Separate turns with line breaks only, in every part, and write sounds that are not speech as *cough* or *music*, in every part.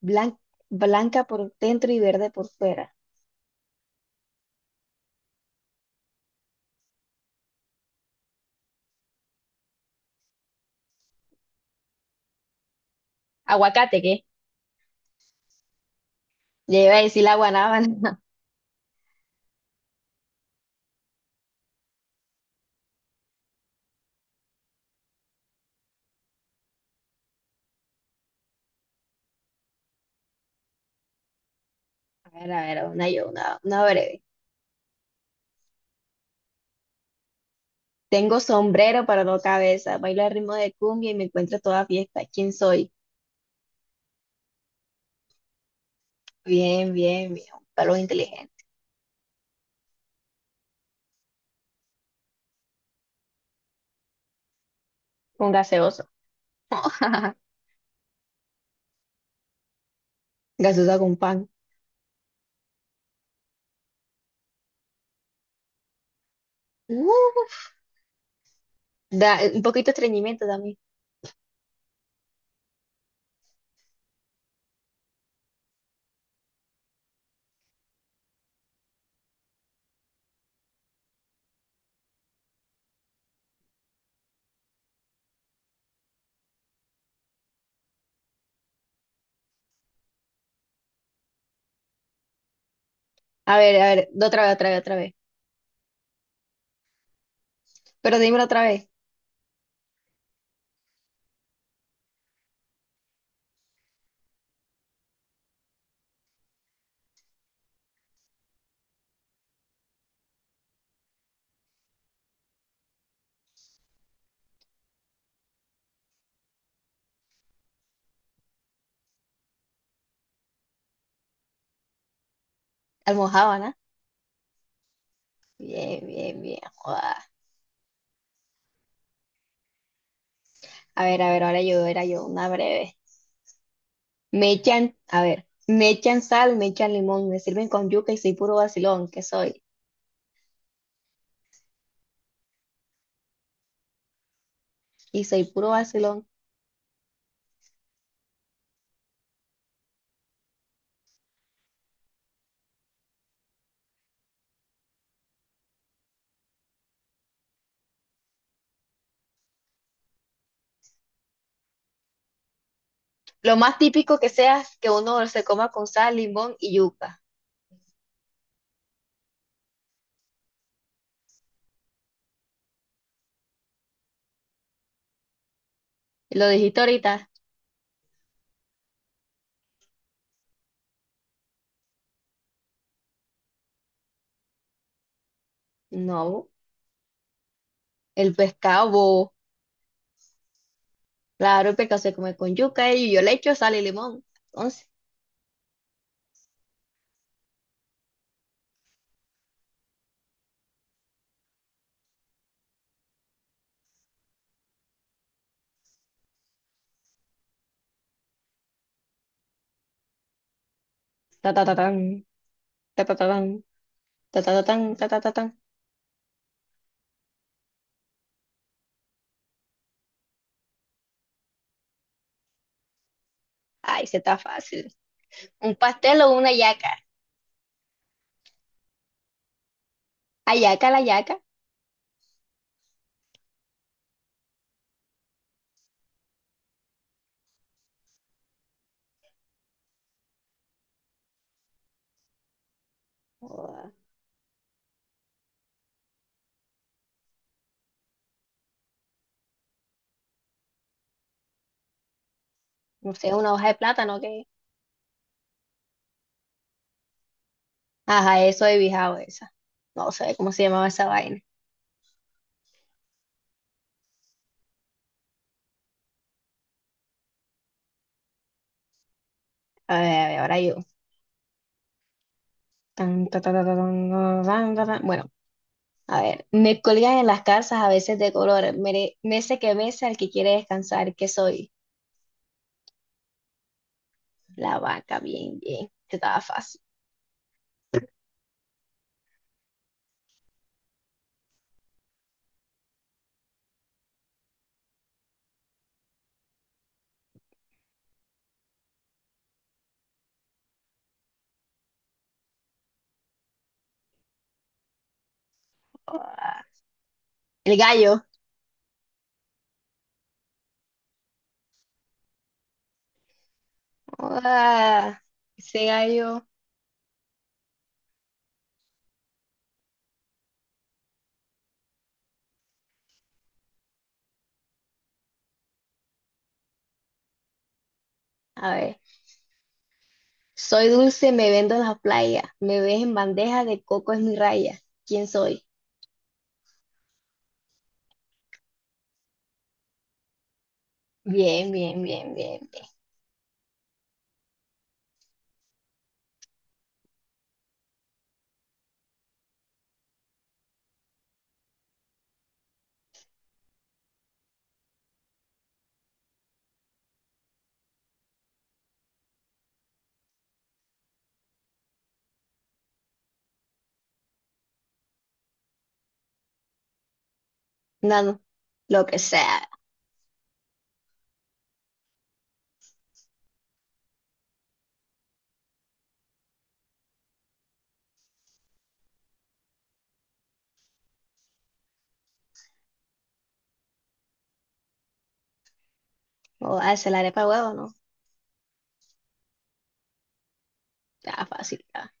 Blan- Blanca por dentro y verde por fuera. Aguacate, ¿qué? Ya iba a decir la guanábana. *laughs* A ver, una yo, una breve. Tengo sombrero para no cabeza, bailo al ritmo de cumbia y me encuentro toda fiesta. ¿Quién soy? Bien, bien, bien. Un palo inteligente. Un gaseoso. *laughs* Gaseosa con pan. Uh, Da un poquito de estreñimiento también. A ver, otra vez, otra vez, otra vez. Pero dímelo otra vez. Almojábana. Bien, bien, bien. Joda. A ver, ahora yo, era yo, una breve. Me echan, a ver, me echan sal, me echan limón, me sirven con yuca y soy puro vacilón, que soy? Y soy puro vacilón. Lo más típico que sea es que uno se coma con sal, limón y yuca. ¿Lo dijiste ahorita? No, el pescado, bo. Claro, el pescado se come con yuca y yo le echo sal y limón. Entonces, ta ta ta tan, ta ta ta tan, ta ta ta tan, ta ta ta tan. Ay, se está fácil. Un pastel o una yaca. ¿Ayaca la yaca? O no sé, una hoja de plátano, ¿qué? Ajá, eso he bijao esa. No sé cómo se llamaba esa vaina. A ver, ahora yo. Tan, ta, ta, ta, ta, tan, ta, tan, ta, tan. Bueno, a ver. Me colgan en las calzas a veces de color. Mece que mece al que quiere descansar. ¿Qué soy? La vaca, bien, bien. Este estaba fácil. Ah. El gallo. Ah, ese gallo. A ver. Soy dulce, me vendo en la playa. Me ves en bandeja, de coco es mi raya. ¿Quién soy? Bien, bien, bien, bien, bien. Nada, lo que sea. O hacer la arepa de huevo, ¿no? Ya, fácil, ya.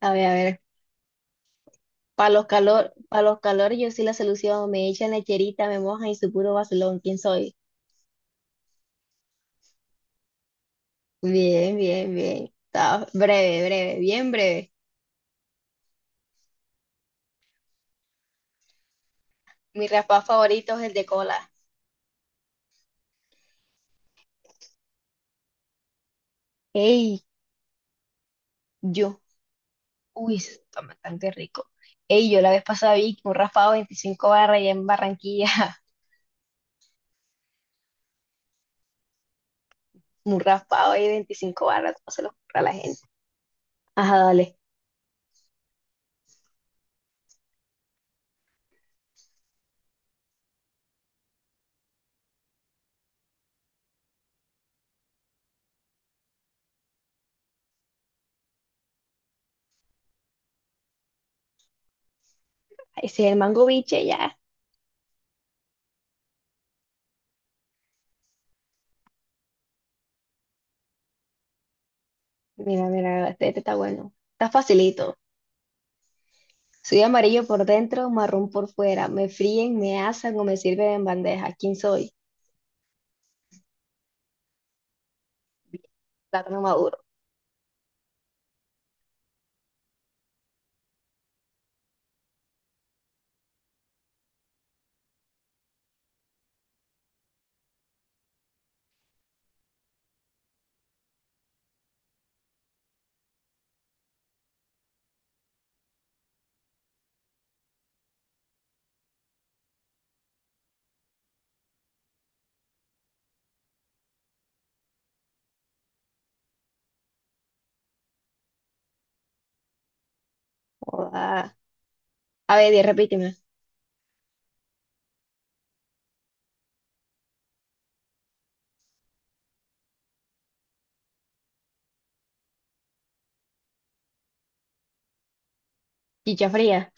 A ver, a ver. Para los calor, yo soy la solución. Me echan lecherita, me mojan y su puro vacilón. ¿Quién soy? Bien, bien, bien. Está breve, breve, bien breve. Mi raspado favorito es el de cola. Ey, yo. Uy, eso está bastante rico. Ey, yo la vez pasada vi que un raspado de 25 barras allá en Barranquilla. *laughs* Un raspado ahí de 25 barras. No se lo compra a la gente. Ajá, dale. Ese es el mango biche, ya. Mira, mira, este está bueno. Está facilito. Soy amarillo por dentro, marrón por fuera. Me fríen, me asan o me sirven en bandeja. ¿Quién soy? Plátano maduro. Joda. A ver, di, repíteme. Chicha fría.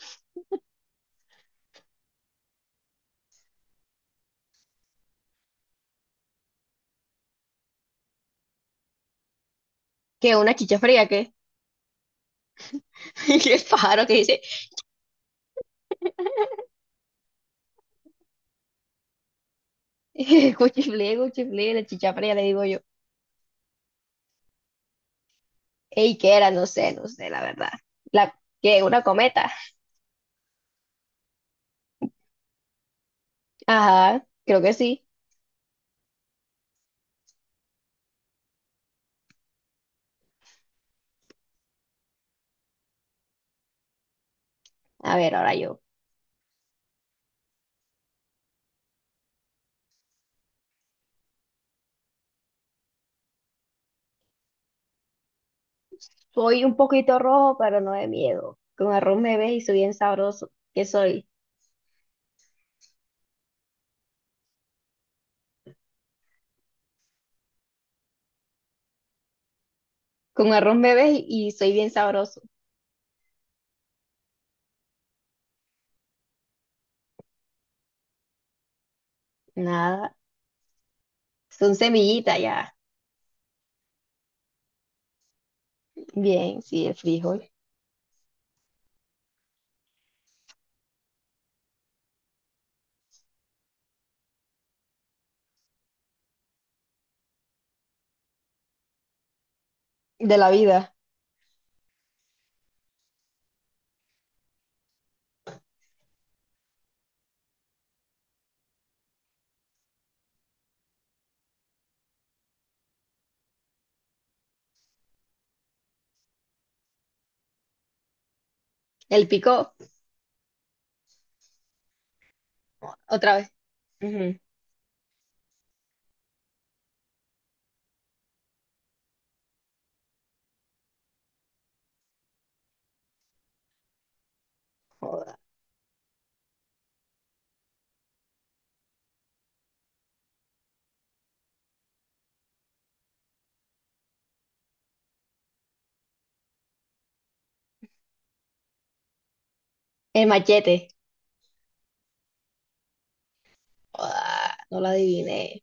¿Qué? ¿Una chicha fría? ¿Qué? *laughs* ¿Qué pájaro que dice? *laughs* Cuchiflé, cuchiflé, la chicha fría, le digo yo. Ey, ¿qué era? No sé, no sé, la verdad. La, ¿qué? ¿Una cometa? Ajá, creo que sí. A ver, ahora yo. Soy un poquito rojo, pero no de miedo. Con arroz me ves y soy bien sabroso. ¿Qué soy? Con arroz bebé y soy bien sabroso. Nada, son semillitas ya. Bien, sí, el frijol. De la vida. El pico, otra vez. Ujú. Joda. El machete. Joda, no lo adiviné.